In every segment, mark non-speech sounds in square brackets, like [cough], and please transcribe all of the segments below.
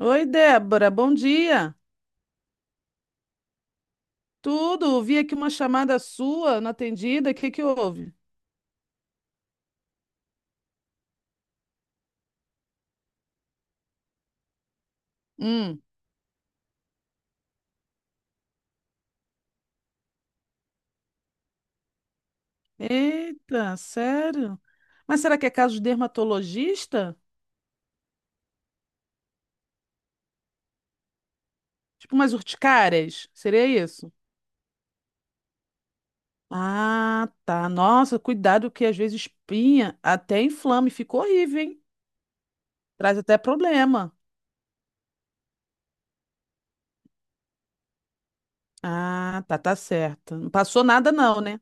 Oi, Débora, bom dia. Tudo? Vi aqui uma chamada sua não atendida. O que que houve? Hum. Eita, sério? Mas será que é caso de dermatologista? Tipo umas urticárias? Seria isso? Ah, tá. Nossa, cuidado que às vezes espinha até inflama e fica horrível, hein? Traz até problema. Ah, tá, tá certo. Não passou nada não, né?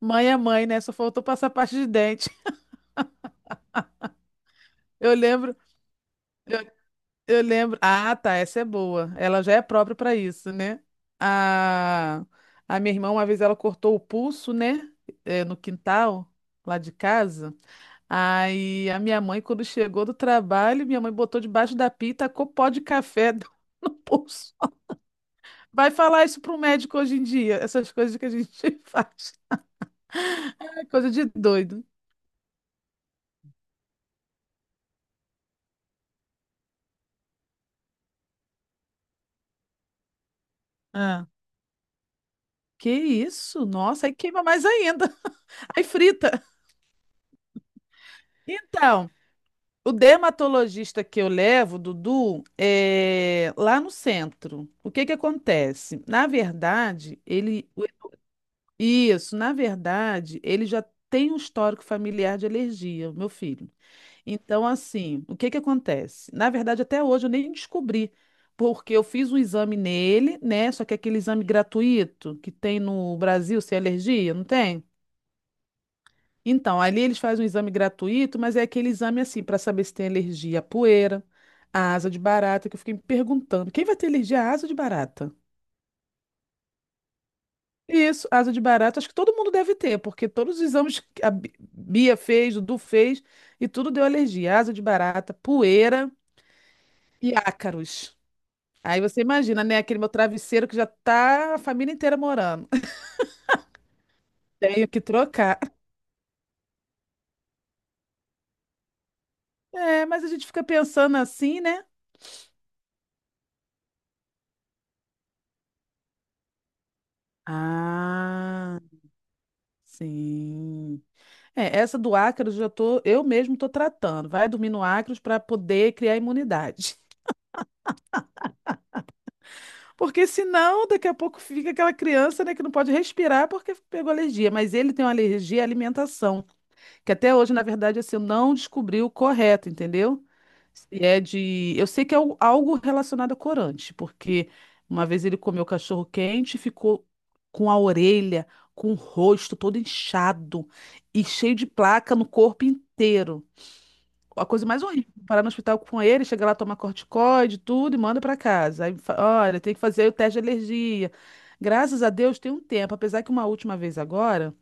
Mãe é mãe, né? Só faltou passar parte de dente. [laughs] Eu lembro. Eu lembro. Ah, tá, essa é boa. Ela já é própria para isso, né? A... a minha irmã, uma vez, ela cortou o pulso, né? É, no quintal, lá de casa. Aí a minha mãe, quando chegou do trabalho, minha mãe botou debaixo da pia e tacou pó de café no [laughs] no pulso. Vai falar isso para um médico hoje em dia, essas coisas que a gente [laughs] faz. É coisa de doido. Ah, que isso? Nossa, aí queima mais ainda. [laughs] Aí frita. Então. O dermatologista que eu levo, Dudu, é lá no centro. O que que acontece? Na verdade, ele. O- Isso, na verdade, ele já tem um histórico familiar de alergia, o meu filho. Então, assim, o que que acontece? Na verdade, até hoje eu nem descobri, porque eu fiz um exame nele, né? Só que é aquele exame gratuito que tem no Brasil sem alergia, não tem? Então, ali eles fazem um exame gratuito, mas é aquele exame assim, para saber se tem alergia à poeira, à asa de barata, que eu fiquei me perguntando, quem vai ter alergia à asa de barata? Isso, asa de barata, acho que todo mundo deve ter, porque todos os exames que a Bia fez, o Dudu fez, e tudo deu alergia. Asa de barata, poeira e ácaros. Aí você imagina, né, aquele meu travesseiro que já tá a família inteira morando. [laughs] Tenho que trocar. É, mas a gente fica pensando assim, né? Ah, sim. É, essa do ácaros já tô, eu mesmo tô tratando. Vai dormir no ácaros para poder criar imunidade. [laughs] Porque senão, daqui a pouco fica aquela criança, né, que não pode respirar porque pegou alergia. Mas ele tem uma alergia à alimentação, que até hoje, na verdade, assim, eu não descobri o correto, entendeu? Se é de, eu sei que é algo relacionado a corante, porque uma vez ele comeu cachorro quente e ficou com a orelha, com o rosto todo inchado e cheio de placa no corpo inteiro. A coisa mais horrível, parar no hospital com ele, chega lá, toma corticoide, tudo e manda pra casa. Aí, olha, tem que fazer o teste de alergia. Graças a Deus tem um tempo, apesar que uma última vez agora,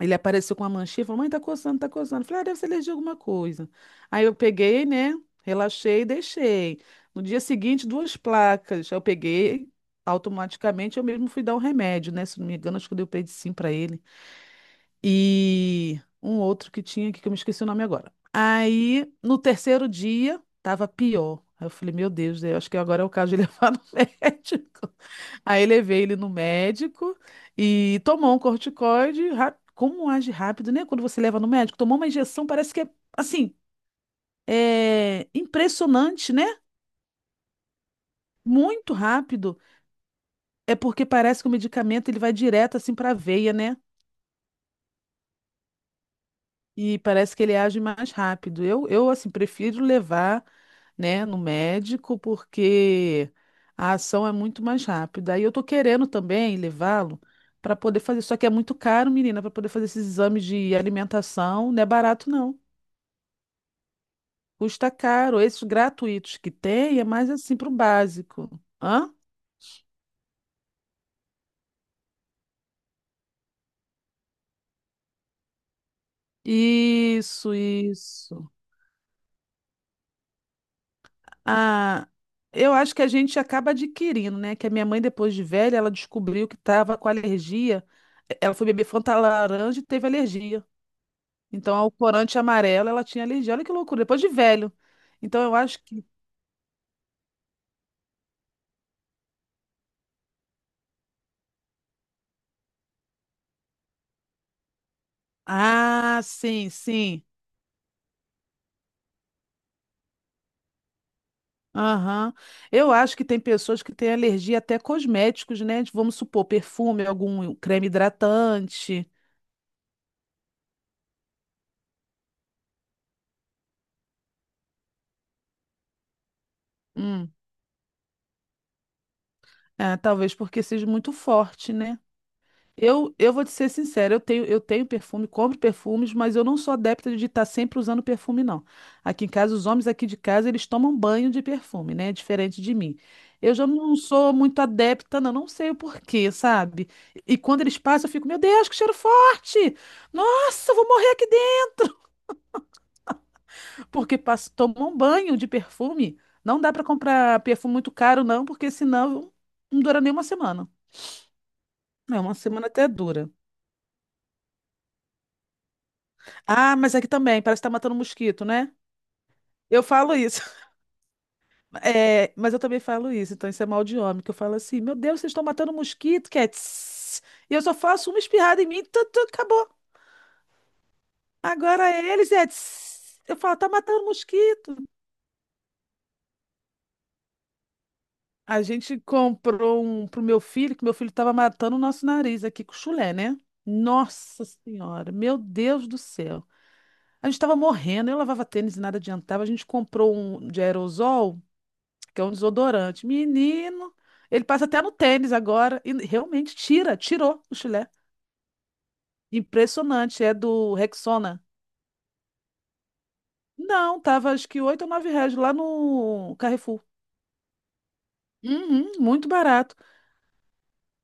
ele apareceu com uma manchinha, e falou: "Mãe, tá coçando, tá coçando". Eu falei: "Ah, deve ser alergia a alguma coisa". Aí eu peguei, né? Relaxei e deixei. No dia seguinte, duas placas. Eu peguei, automaticamente eu mesmo fui dar um remédio, né? Se não me engano, acho que eu dei o predsim pra ele. E um outro que tinha aqui que eu me esqueci o nome agora. Aí, no terceiro dia, tava pior. Aí eu falei, meu Deus, eu acho que agora é o caso de levar no [laughs] médico. Aí levei ele no médico e tomou um corticoide. Como age rápido, né? Quando você leva no médico, tomou uma injeção, parece que é assim, é impressionante, né? Muito rápido. É porque parece que o medicamento ele vai direto assim para a veia, né? E parece que ele age mais rápido. Eu assim, prefiro levar, né, no médico, porque a ação é muito mais rápida. Aí eu tô querendo também levá-lo para poder fazer, só que é muito caro, menina, para poder fazer esses exames de alimentação, não é barato não. Custa caro. Esses gratuitos que tem é mais assim para o básico. Hã? Isso, isso. Ah, eu acho que a gente acaba adquirindo, né? Que a minha mãe, depois de velha, ela descobriu que estava com alergia. Ela foi beber Fanta laranja e teve alergia. Então, ao corante amarelo, ela tinha alergia. Olha que loucura, depois de velho. Então, eu acho que. Ah, sim, sim. Aham. Eu acho que tem pessoas que têm alergia até a cosméticos, né? Vamos supor, perfume, algum creme hidratante. Hum. Ah, talvez porque seja muito forte, né? Eu vou te ser sincera, eu tenho perfume, compro perfumes, mas eu não sou adepta de estar sempre usando perfume, não. Aqui em casa, os homens aqui de casa, eles tomam banho de perfume, né? Diferente de mim. Eu já não sou muito adepta, não, não sei o porquê, sabe? E quando eles passam, eu fico, meu Deus, que cheiro forte! Nossa, eu vou morrer aqui dentro! [laughs] Porque passam, tomam banho de perfume. Não dá para comprar perfume muito caro, não, porque senão não dura nem uma semana. É, uma semana até dura. Ah, mas aqui também, parece que tá matando mosquito, né? Eu falo isso. [laughs] É, mas eu também falo isso, então isso é mal de homem, que eu falo assim, meu Deus, vocês estão matando mosquito, que é tss. E eu só faço uma espirrada em mim, tu, tu, acabou. Agora é eles é tss. Eu falo, tá matando mosquito. A gente comprou um pro meu filho, que meu filho tava matando o nosso nariz aqui com chulé, né? Nossa Senhora, meu Deus do céu. A gente tava morrendo, eu lavava tênis e nada adiantava. A gente comprou um de aerosol, que é um desodorante. Menino, ele passa até no tênis agora e realmente tirou o chulé. Impressionante, é do Rexona. Não, tava acho que oito ou 9 reais lá no Carrefour. Uhum, muito barato.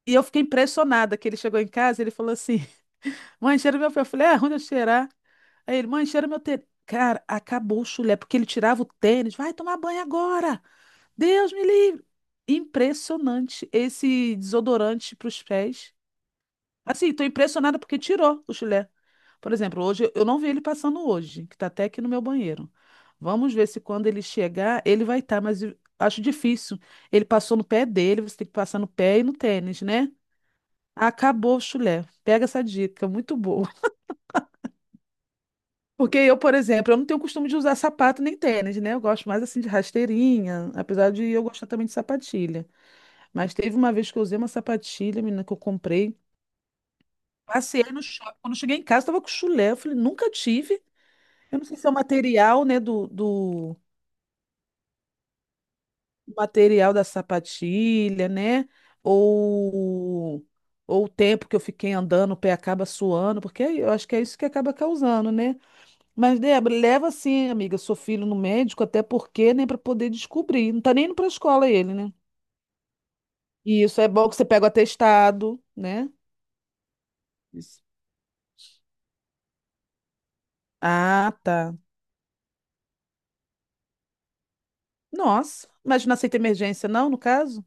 E eu fiquei impressionada que ele chegou em casa e ele falou assim: [laughs] Mãe, cheira meu pé. Eu falei: É, onde eu cheirar? Aí ele, mãe, cheira meu tênis. Cara, acabou o chulé, porque ele tirava o tênis. Vai tomar banho agora. Deus me livre. Impressionante esse desodorante para os pés. Assim, estou impressionada porque tirou o chulé. Por exemplo, hoje eu não vi ele passando hoje, que está até aqui no meu banheiro. Vamos ver se quando ele chegar, ele vai estar, mas eu acho difícil. Ele passou no pé dele, você tem que passar no pé e no tênis, né? Acabou o chulé. Pega essa dica, muito boa. [laughs] Porque eu, por exemplo, eu não tenho costume de usar sapato nem tênis, né? Eu gosto mais assim de rasteirinha, apesar de eu gostar também de sapatilha. Mas teve uma vez que eu usei uma sapatilha, menina, que eu comprei. Passei no shopping. Quando eu cheguei em casa, tava com chulé. Eu falei, nunca tive. Eu não sei se é o material, né, do material da sapatilha, né? Ou, ou o tempo que eu fiquei andando, o pé acaba suando, porque é, eu acho que é isso que acaba causando, né? Mas, Débora, leva sim, amiga, seu filho no médico, até porque, né, para poder descobrir. Não tá nem indo pra escola ele, né? E isso é bom que você pega o atestado, né? Isso. Ah, tá. Nossa, mas não aceita emergência, não, no caso?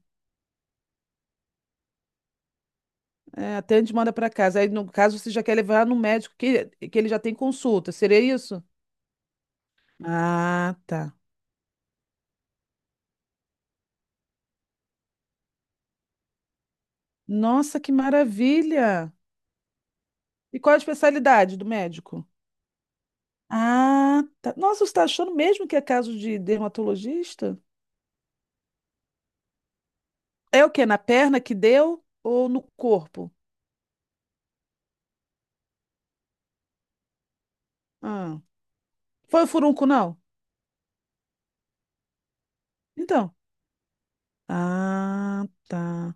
É, até a gente manda para casa. Aí, no caso, você já quer levar no médico que ele já tem consulta. Seria isso? Ah, tá. Nossa, que maravilha! E qual a especialidade do médico? Ah, tá. Nossa, você está achando mesmo que é caso de dermatologista? É o quê? Na perna que deu ou no corpo? Ah, foi o furúnculo, não? Então. Ah, tá.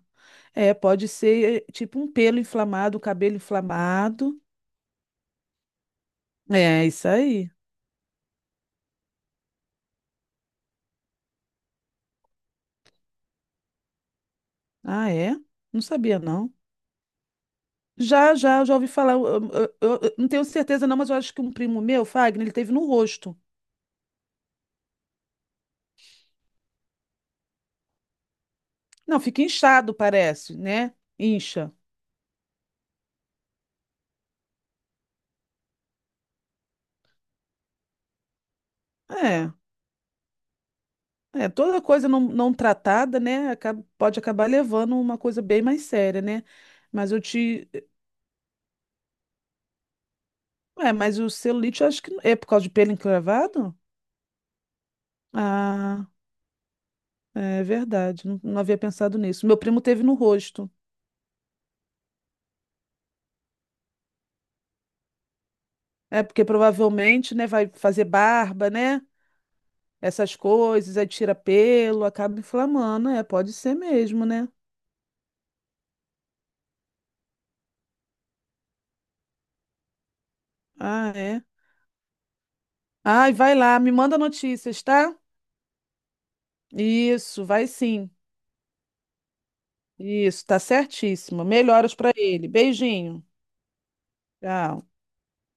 É, pode ser tipo um pelo inflamado, cabelo inflamado. É, isso aí. Ah, é? Não sabia, não. Já, já, já ouvi falar. Eu não tenho certeza, não, mas eu acho que um primo meu, Fagner, ele teve no rosto. Não, fica inchado, parece, né? Incha. É, é, toda coisa não, não tratada, né? Pode acabar levando uma coisa bem mais séria, né? Mas eu te. É, mas o celulite, eu acho que é por causa de pelo encravado? Ah, é verdade. Não, não havia pensado nisso. Meu primo teve no rosto. É, porque provavelmente, né, vai fazer barba, né? Essas coisas, aí tira pelo, acaba inflamando, é, pode ser mesmo, né? Ah, é. Ai, vai lá, me manda notícias, tá? Isso, vai sim. Isso, tá certíssimo. Melhoras pra ele. Beijinho. Tchau.